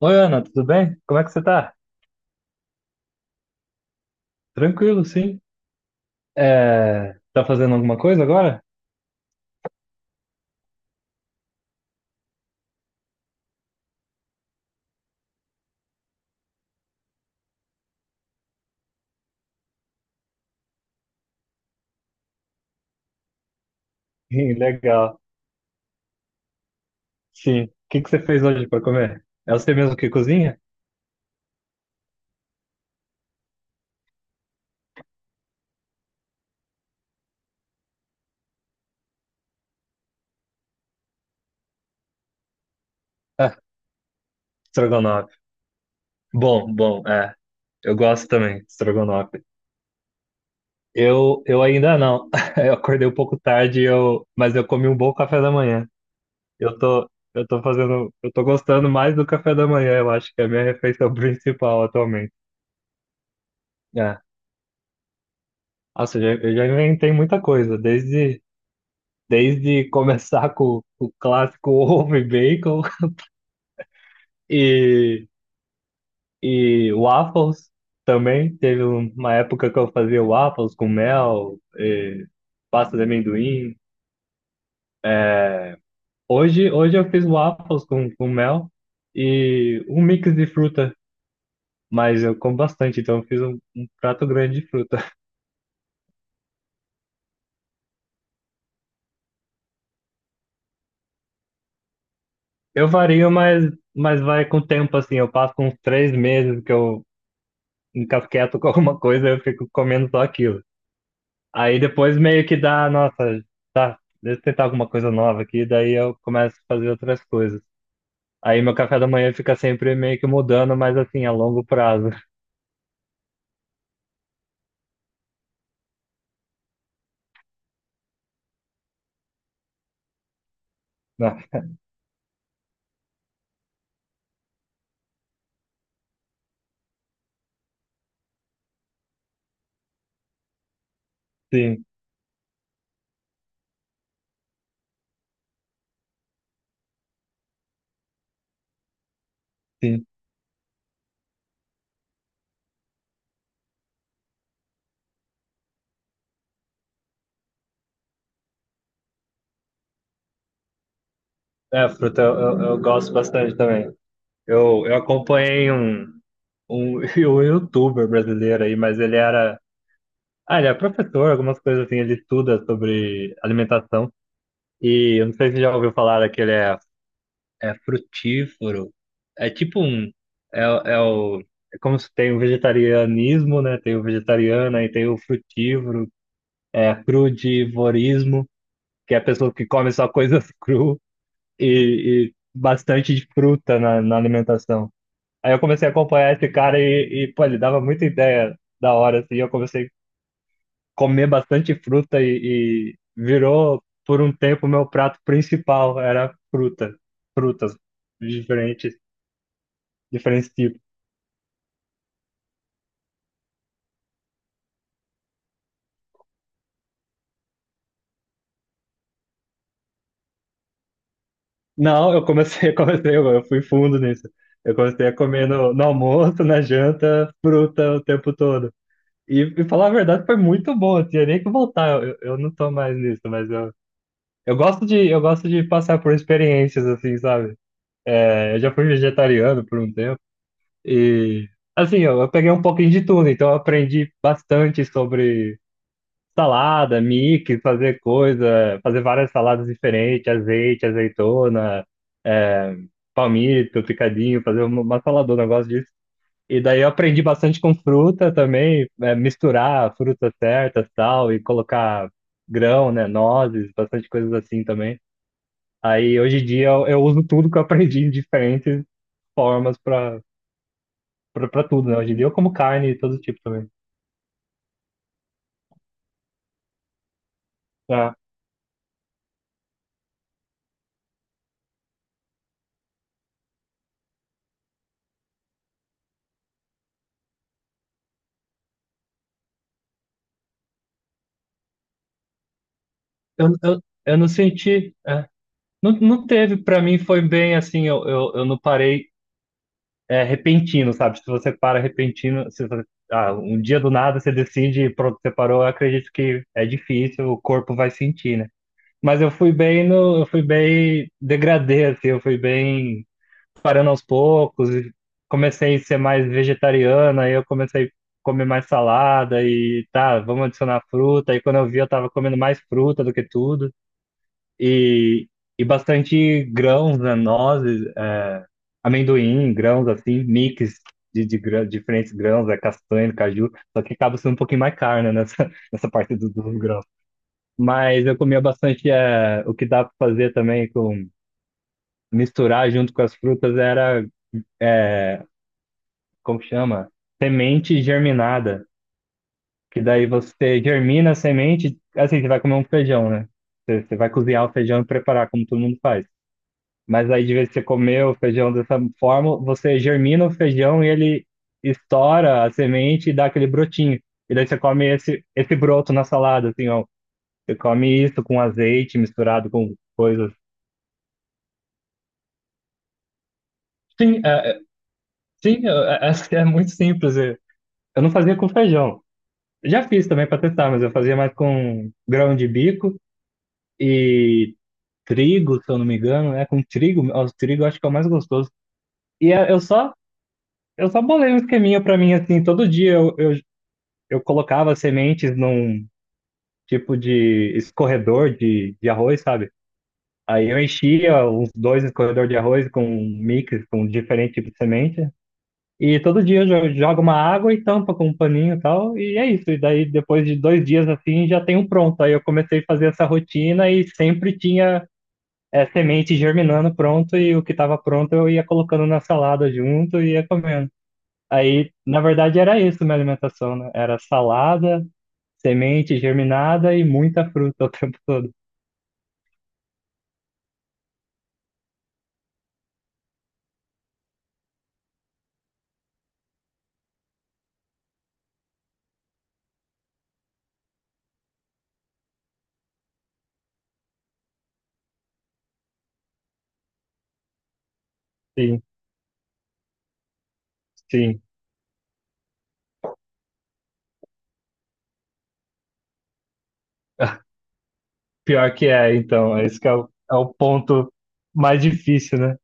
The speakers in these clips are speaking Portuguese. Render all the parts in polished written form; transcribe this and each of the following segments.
Oi, Ana, tudo bem? Como é que você tá? Tranquilo, sim. É, tá fazendo alguma coisa agora? Ih, legal. Sim. O que que você fez hoje para comer? É você mesmo que cozinha? Ah, estrogonofe. Bom, bom, é. Eu gosto também, de estrogonofe. Eu ainda não. Eu acordei um pouco tarde, mas eu comi um bom café da manhã. Eu tô gostando mais do café da manhã, eu acho que é a minha refeição principal atualmente. É. Nossa, eu já inventei muita coisa, desde começar com o clássico ovo e bacon e, waffles também. Teve uma época que eu fazia waffles com mel, e pasta de amendoim. É, hoje eu fiz waffles com, mel e um mix de fruta, mas eu como bastante, então eu fiz um prato grande de fruta. Eu vario, mas vai com o tempo, assim. Eu passo uns 3 meses que eu encasqueto com alguma coisa, eu fico comendo só aquilo. Aí depois meio que dá, nossa, deixa eu tentar alguma coisa nova aqui, daí eu começo a fazer outras coisas. Aí meu café da manhã fica sempre meio que mudando, mas assim, a longo prazo. Não, sim, sim. É, fruta eu gosto bastante também. Eu acompanhei um, um, um youtuber brasileiro aí, mas ele era. Ah, ele é professor, algumas coisas assim, ele estuda sobre alimentação. E eu não sei se você já ouviu falar daquele é frutífero. É tipo um. É, é o. É como se tem o vegetarianismo, né? Tem o vegetariano, aí tem o frutívoro, é crudivorismo, que é a pessoa que come só coisas cru e, bastante de fruta na, alimentação. Aí eu comecei a acompanhar esse cara pô, ele dava muita ideia da hora, assim. Eu comecei a comer bastante fruta e, virou, por um tempo, meu prato principal era fruta, frutas diferentes. Diferentes tipos. Não, eu fui fundo nisso. Eu comecei a comer no, almoço, na janta, fruta o tempo todo. E falar a verdade, foi muito bom. Eu tinha nem que voltar. Eu não tô mais nisso, mas eu gosto de, passar por experiências assim, sabe? É, eu já fui vegetariano por um tempo e assim, eu peguei um pouquinho de tudo, então eu aprendi bastante sobre salada, mix, fazer coisa, fazer várias saladas diferentes, azeite, azeitona, é, palmito, picadinho, fazer uma, saladona, eu gosto disso. E daí eu aprendi bastante com fruta também, é, misturar frutas certas, tal, e colocar grão, né, nozes, bastante coisas assim também. Aí hoje em dia eu uso tudo que eu aprendi em diferentes formas para tudo, né? Hoje em dia eu como carne de todo tipo também. É. Eu, eu, eu não senti. Não, não teve, pra mim foi bem assim, eu não parei é, repentino, sabe? Se você para repentino, se você- ah, um dia do nada você decide, pronto, você parou, eu acredito que é difícil, o corpo vai sentir, né? Mas eu fui bem no, eu fui bem degradê, assim, eu fui bem parando aos poucos, e comecei a ser mais vegetariana, aí eu comecei a comer mais salada e tá, vamos adicionar fruta, aí quando eu vi eu tava comendo mais fruta do que tudo e, bastante grãos, né, nozes, é, amendoim, grãos assim, mix de, diferentes grãos, é, castanha, caju, só que acaba sendo um pouquinho mais carne nessa, nessa parte dos grãos. Mas eu comia bastante, é, o que dá para fazer também com misturar junto com as frutas era, é, como chama? Semente germinada. Que daí você germina a semente, assim, você vai comer um feijão, né? Você vai cozinhar o feijão e preparar, como todo mundo faz. Mas aí, de vez que você comer o feijão dessa forma, você germina o feijão e ele estoura a semente e dá aquele brotinho. E daí você come esse broto na salada, assim, ó. Você come isso com azeite misturado com coisas. Sim, sim, eu acho que é muito simples. Eu não fazia com feijão. Eu já fiz também para testar, mas eu fazia mais com grão de bico e trigo, se eu não me engano, né? Com trigo, ó, o trigo eu acho que é o mais gostoso. E eu só, bolei um esqueminha para mim, assim, todo dia eu colocava sementes num tipo de escorredor de, arroz, sabe? Aí eu enchia uns dois escorredor de arroz com um mix, com diferente tipo de semente. E todo dia eu jogo uma água e tampa com um paninho e tal. E é isso. E daí depois de 2 dias assim já tem um pronto. Aí eu comecei a fazer essa rotina e sempre tinha semente germinando pronto. E o que estava pronto eu ia colocando na salada junto e ia comendo. Aí, na verdade, era isso minha alimentação, né? Era salada, semente germinada e muita fruta o tempo todo. Sim, sim. Pior que é, então. Esse que é o, ponto mais difícil, né?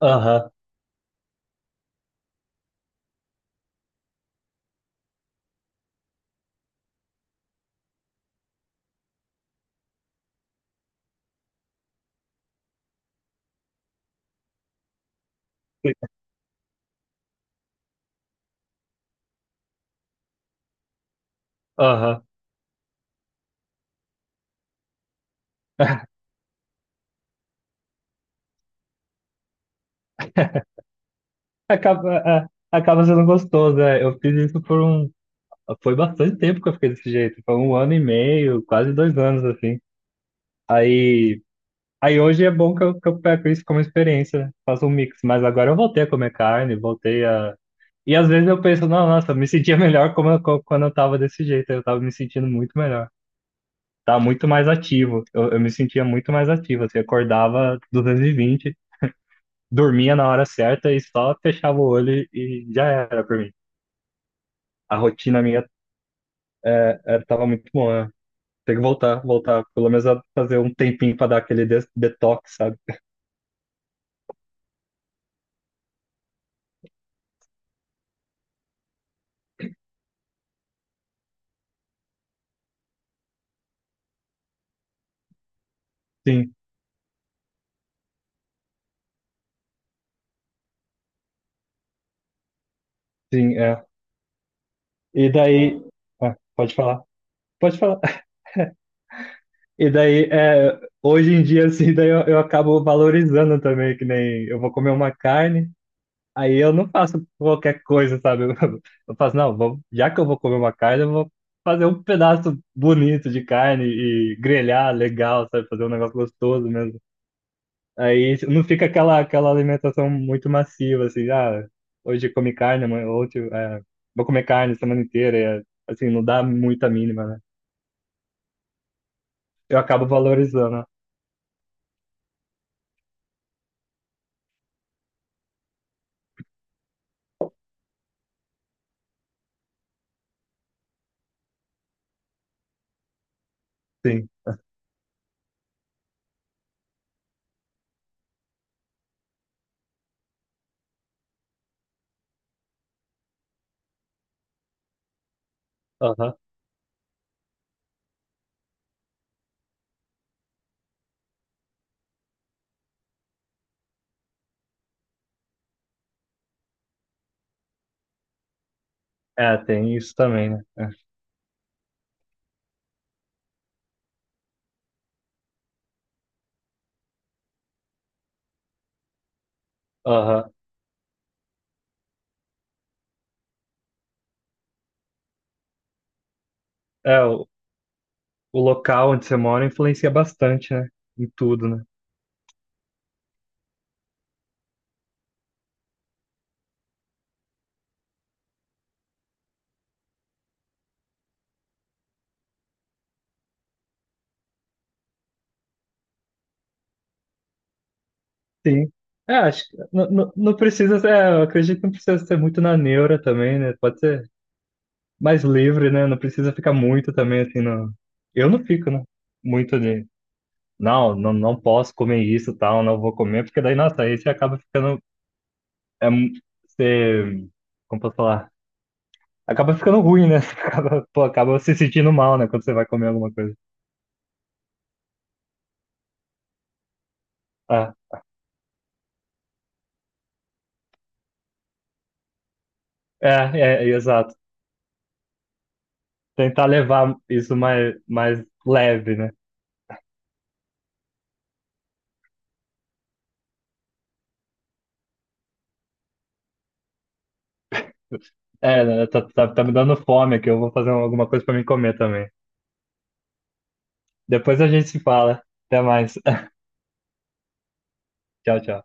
Aham, aham. Acaba, é, é, acaba sendo gostoso, né? Eu fiz isso por um. Foi bastante tempo que eu fiquei desse jeito. Foi um ano e meio, quase 2 anos, assim. Aí. Aí hoje é bom que que eu pego isso como experiência, né? Faço um mix. Mas agora eu voltei a comer carne, voltei a. E às vezes eu penso, não, nossa, eu me sentia melhor como quando eu tava desse jeito. Eu tava me sentindo muito melhor. Tava muito mais ativo. Eu me sentia muito mais ativo. Assim, acordava 220, dormia na hora certa e só fechava o olho e já era pra mim. A rotina minha tava muito boa. Né? Tem que voltar, voltar. Pelo menos a fazer um tempinho pra dar aquele detox, sabe? Sim, sim, é. E daí. Ah, pode falar. Pode falar. E daí, é, hoje em dia, assim, daí eu acabo valorizando também, que nem eu vou comer uma carne, aí eu não faço qualquer coisa, sabe? Eu faço, não, vou, já que eu vou comer uma carne, eu vou fazer um pedaço bonito de carne e grelhar legal, sabe? Fazer um negócio gostoso mesmo. Aí não fica aquela, alimentação muito massiva, assim, hoje comi carne, amanhã- ontem, é, vou comer carne a semana inteira, e, é, assim, não dá muita mínima, né? Eu acabo valorizando. Sim. Aham. É, tem isso também, né? É. Aham. É, o, local onde você mora influencia bastante, né? Em tudo, né? Sim. É, acho que não, não precisa ser, é, eu acredito que não precisa ser muito na neura também, né? Pode ser mais livre, né? Não precisa ficar muito também, assim, não. Eu não fico, né? Muito de, não, não posso comer isso, tal, não vou comer, porque daí, nossa, aí você acaba ficando, é, você, como posso falar? Acaba ficando ruim, né? Você acaba, pô, acaba se sentindo mal, né? Quando você vai comer alguma coisa. Ah, é, é, exato. Tentar levar isso mais leve, né? É, né, tá me dando fome aqui. Eu vou fazer alguma coisa pra mim comer também. Depois a gente se fala. Até mais. Tchau, tchau.